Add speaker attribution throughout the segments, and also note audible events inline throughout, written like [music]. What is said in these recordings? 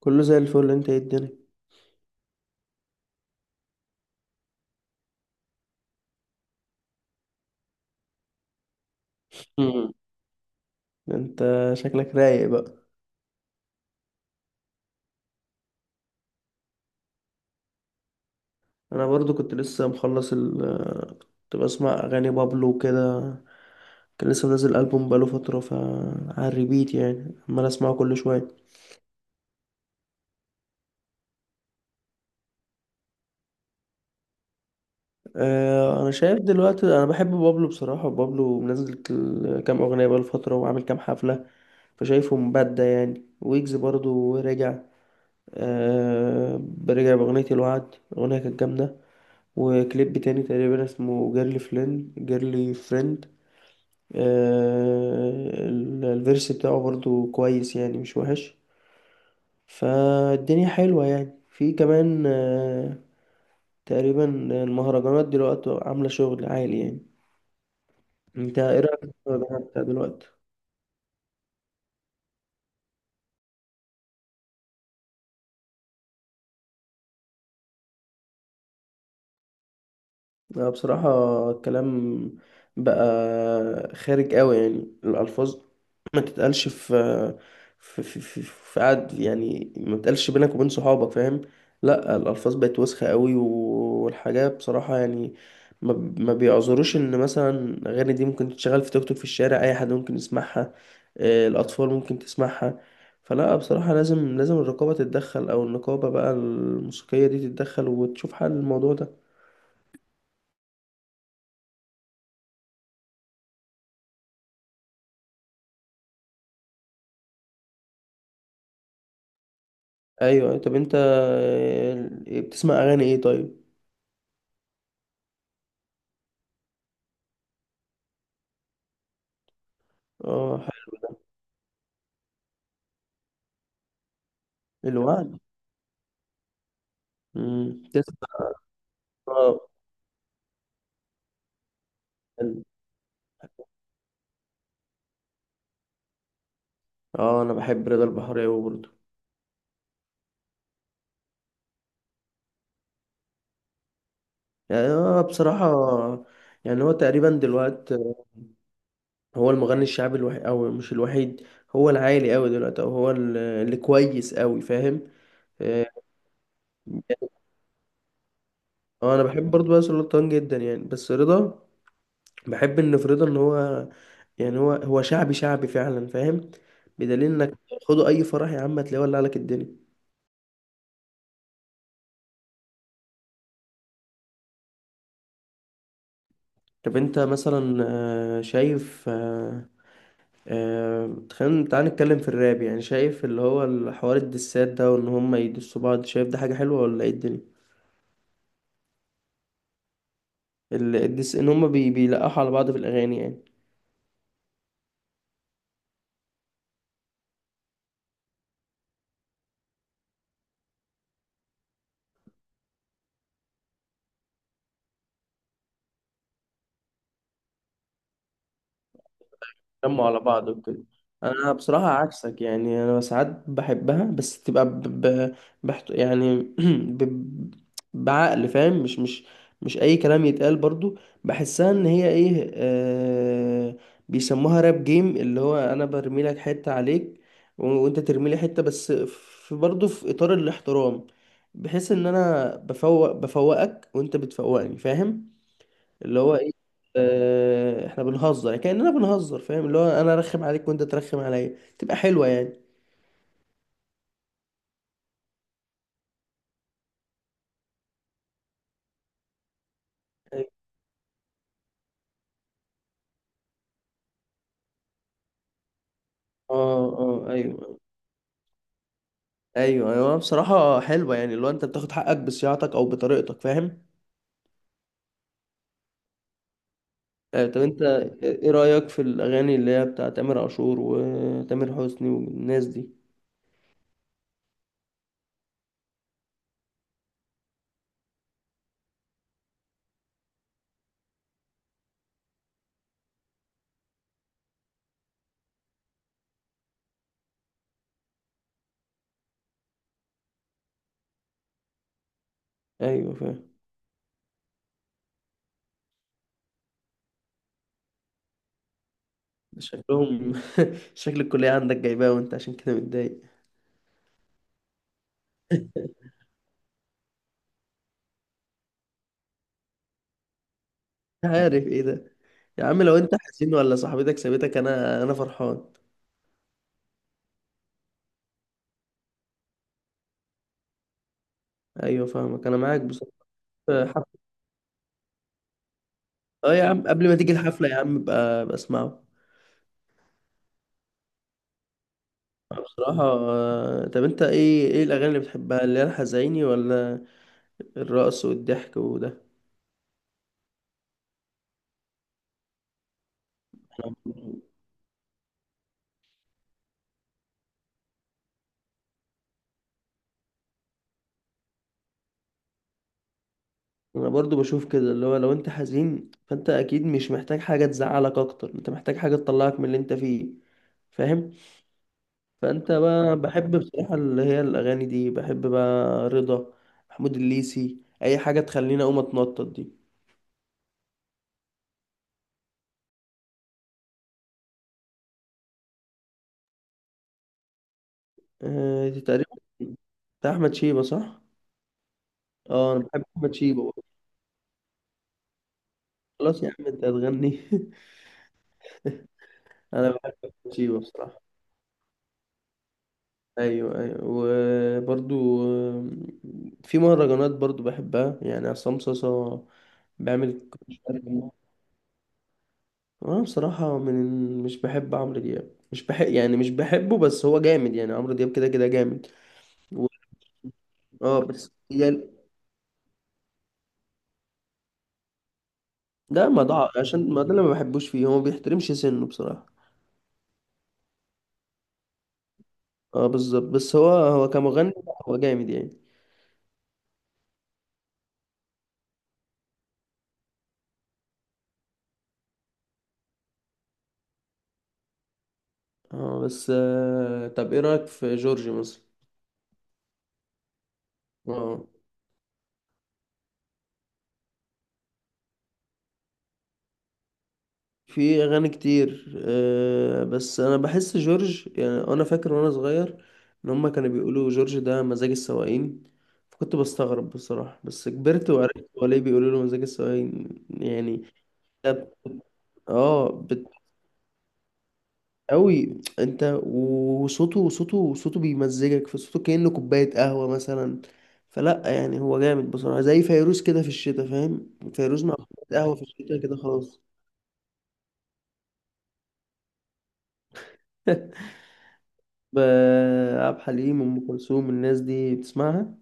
Speaker 1: كله زي الفل، انت ايه الدنيا؟ مم. انت شكلك رايق بقى؟ انا برضو كنت لسه مخلص كنت بسمع اغاني بابلو وكده. كان لسه منزل البوم بقاله فتره ف على الريبيت يعني عمال اسمعه كل شويه. اه، انا شايف دلوقتي انا بحب بابلو بصراحه. بابلو منزل كام اغنيه بقاله فتره وعامل كام حفله، فشايفه مبدع يعني. ويجز برضو رجع، اه رجع باغنيه الوعد، اغنيه كانت جامده. وكليب تاني تقريبا اسمه جيرلي فريند جيرلي فريند. الفيرس بتاعه برضو كويس يعني، مش وحش. فالدنيا حلوة يعني، في كمان تقريبا. المهرجانات دلوقتي عاملة شغل عالي يعني. انت ايه رأيك في المهرجانات بتاع دلوقتي؟ لا بصراحة، الكلام بقى خارج قوي يعني، الألفاظ ما تتقالش في قعد يعني، ما تتقالش بينك وبين صحابك، فاهم؟ لا الألفاظ بقت وسخة قوي، والحاجة بصراحة يعني ما ما بيعذروش إن مثلا أغاني دي ممكن تتشغل في توك توك في الشارع، أي حد ممكن يسمعها. الأطفال ممكن تسمعها. فلا بصراحة لازم لازم الرقابة تتدخل، أو النقابة بقى الموسيقية دي تتدخل وتشوف حل الموضوع ده. ايوه، طب انت بتسمع اغاني ايه طيب؟ اه حلو. الوعد. تسمع. اه حلو. اه، انا بحب رضا البحراوي برضه. يعني انا بصراحه يعني هو تقريبا دلوقتي هو المغني الشعبي الوحيد او مش الوحيد. هو العالي قوي دلوقتي، او هو اللي كويس قوي، فاهم؟ اه. انا بحب برضه بهاء سلطان جدا يعني، بس رضا بحب ان فريدة ان هو يعني هو شعبي شعبي فعلا، فاهم؟ بدليل انك خدوا اي فرح يا عم هتلاقيه ولع لك الدنيا. طب انت مثلا شايف تخيل، تعال نتكلم في الراب يعني. شايف اللي هو الحوار الدسات ده وان هم يدسوا بعض، شايف ده حاجة حلوة ولا ايه الدنيا؟ الدس ان هم بيلقحوا على بعض في الاغاني يعني، جمعوا على بعض وكده. انا بصراحه عكسك يعني، انا ساعات بحبها، بس تبقى يعني [clears throat] ب... بعقل، فاهم؟ مش اي كلام يتقال برضو. بحسها ان هي ايه بيسموها راب جيم، اللي هو انا برمي لك حته عليك وانت ترمي لي حته، بس في برضو في اطار الاحترام، بحيث ان انا بفوقك وانت بتفوقني، فاهم؟ اللي هو ايه، احنا بنهزر كأننا بنهزر، فاهم؟ اللي هو انا ارخم عليك وانت ترخم عليا، تبقى حلوة يعني. أيوة. اه، اه، ايوه، ايوه، ايوه، بصراحة حلوة يعني، اللي هو انت بتاخد حقك بصياعتك او بطريقتك، فاهم؟ طب انت ايه رأيك في الاغاني اللي هي بتاعت تامر عاشور وتامر حسني والناس دي؟ ايوه فاهم. شكلهم [laughs] شكل الكلية عندك جايباه وانت عشان كده متضايق. مش عارف ايه ده يا عم، لو انت حزين ولا صاحبتك سابتك، انا فرحان. ايوه فاهمك، انا معاك بصراحة. حفلة، اه يا عم قبل ما تيجي الحفلة يا عم بقى بسمعه. بصراحة طب انت ايه الأغاني اللي بتحبها، اللي هي الحزيني ولا الرقص والضحك وده؟ أنا أنا برضو بشوف كده، اللي هو لو انت حزين فانت اكيد مش محتاج حاجة تزعلك اكتر، انت محتاج حاجة تطلعك من اللي انت فيه، فاهم؟ فانت بقى بحب بصراحة اللي هي الأغاني دي، بحب بقى رضا، محمود الليثي، اي حاجة تخليني اقوم اتنطط دي. دي تقريبا بتاع احمد شيبة، صح؟ اه انا بحب احمد شيبة برضه. خلاص يا عم انت هتغني. [laughs] انا بحب احمد شيبة بصراحة. ايوه، ايوه، وبرضو في مهرجانات برضو بحبها يعني عصام صاصا، بيعمل وانا بصراحة مش بحب عمرو دياب، مش بحب يعني، مش بحبه بس هو جامد يعني. عمرو دياب كده كده جامد و... اه بس يعني، ده ما ضاع عشان ما ده اللي ما بحبوش فيه، هو ما بيحترمش سنه بصراحة. اه بالظبط، بس هو كمغني هو جامد يعني. اه بس طب ايه رأيك في جورج مثلا؟ اه في اغاني كتير. بس انا بحس جورج يعني، انا فاكر وانا صغير ان هما كانوا بيقولوا جورج ده مزاج السواقين، فكنت بستغرب بصراحة، بس كبرت وعرفت هو ليه بيقولوا له مزاج السواقين يعني. طب اه قوي انت، وصوته صوته صوته بيمزجك في صوته كأنه كوباية قهوة مثلا. فلا يعني هو جامد بصراحة، زي فيروز كده في الشتاء، فاهم؟ فيروز مع كوباية قهوة في الشتاء كده خلاص. [laughs] ب- عبد الحليم، أم كلثوم، الناس دي بتسمعها؟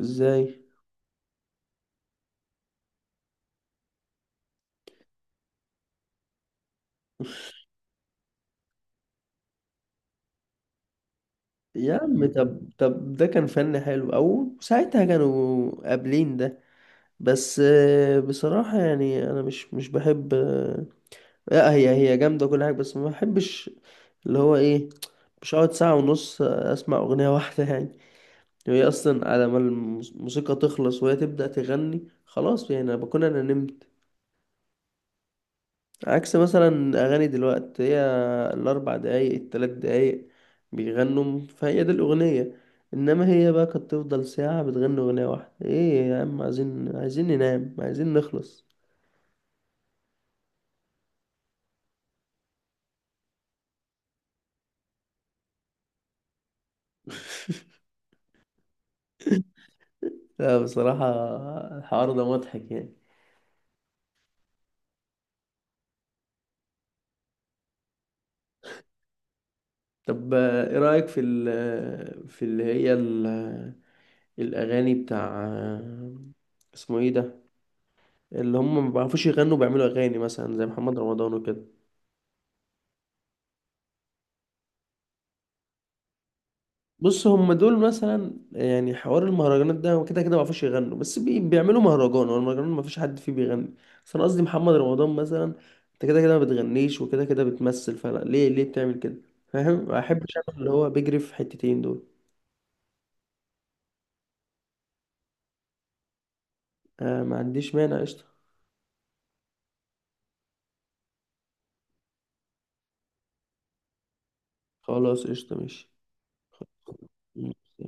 Speaker 1: ازاي؟ يا عم طب ده كان فن حلو او ساعتها كانوا قابلين ده. بس بصراحة يعني انا مش بحب لا هي جامدة كل حاجة، بس ما بحبش. اللي هو ايه، مش هقعد ساعة ونص أسمع أغنية واحدة يعني. هي أصلا على ما الموسيقى تخلص وهي تبدأ تغني، خلاص يعني، أنا بكون أنا نمت. عكس مثلا أغاني دلوقتي، هي الـ 4 دقايق الـ 3 دقايق بيغنوا، فهي دي الأغنية. إنما هي بقى كانت تفضل ساعة بتغني أغنية واحدة، إيه يا عم، عايزين ننام، عايزين نخلص. [laughs] لا بصراحة الحوار ده مضحك يعني. طب إيه رأيك في ال في اللي هي الأغاني بتاع، اسمه ايه ده، اللي هم ما بيعرفوش يغنوا، بيعملوا أغاني مثلا زي محمد رمضان وكده؟ بص هم دول مثلا يعني، حوار المهرجانات ده هو كده كده ما بيعرفوش يغنوا، بس بيعملوا مهرجان والمهرجان ما فيش حد فيه بيغني. بس أنا قصدي محمد رمضان مثلا، أنت كده كده ما بتغنيش وكده كده بتمثل، فلا ليه بتعمل كده؟ فاهم، أحب أعمل اللي هو بيجري في حتتين دول. ما عنديش مانع قشطة. خلاص قشطة ماشي.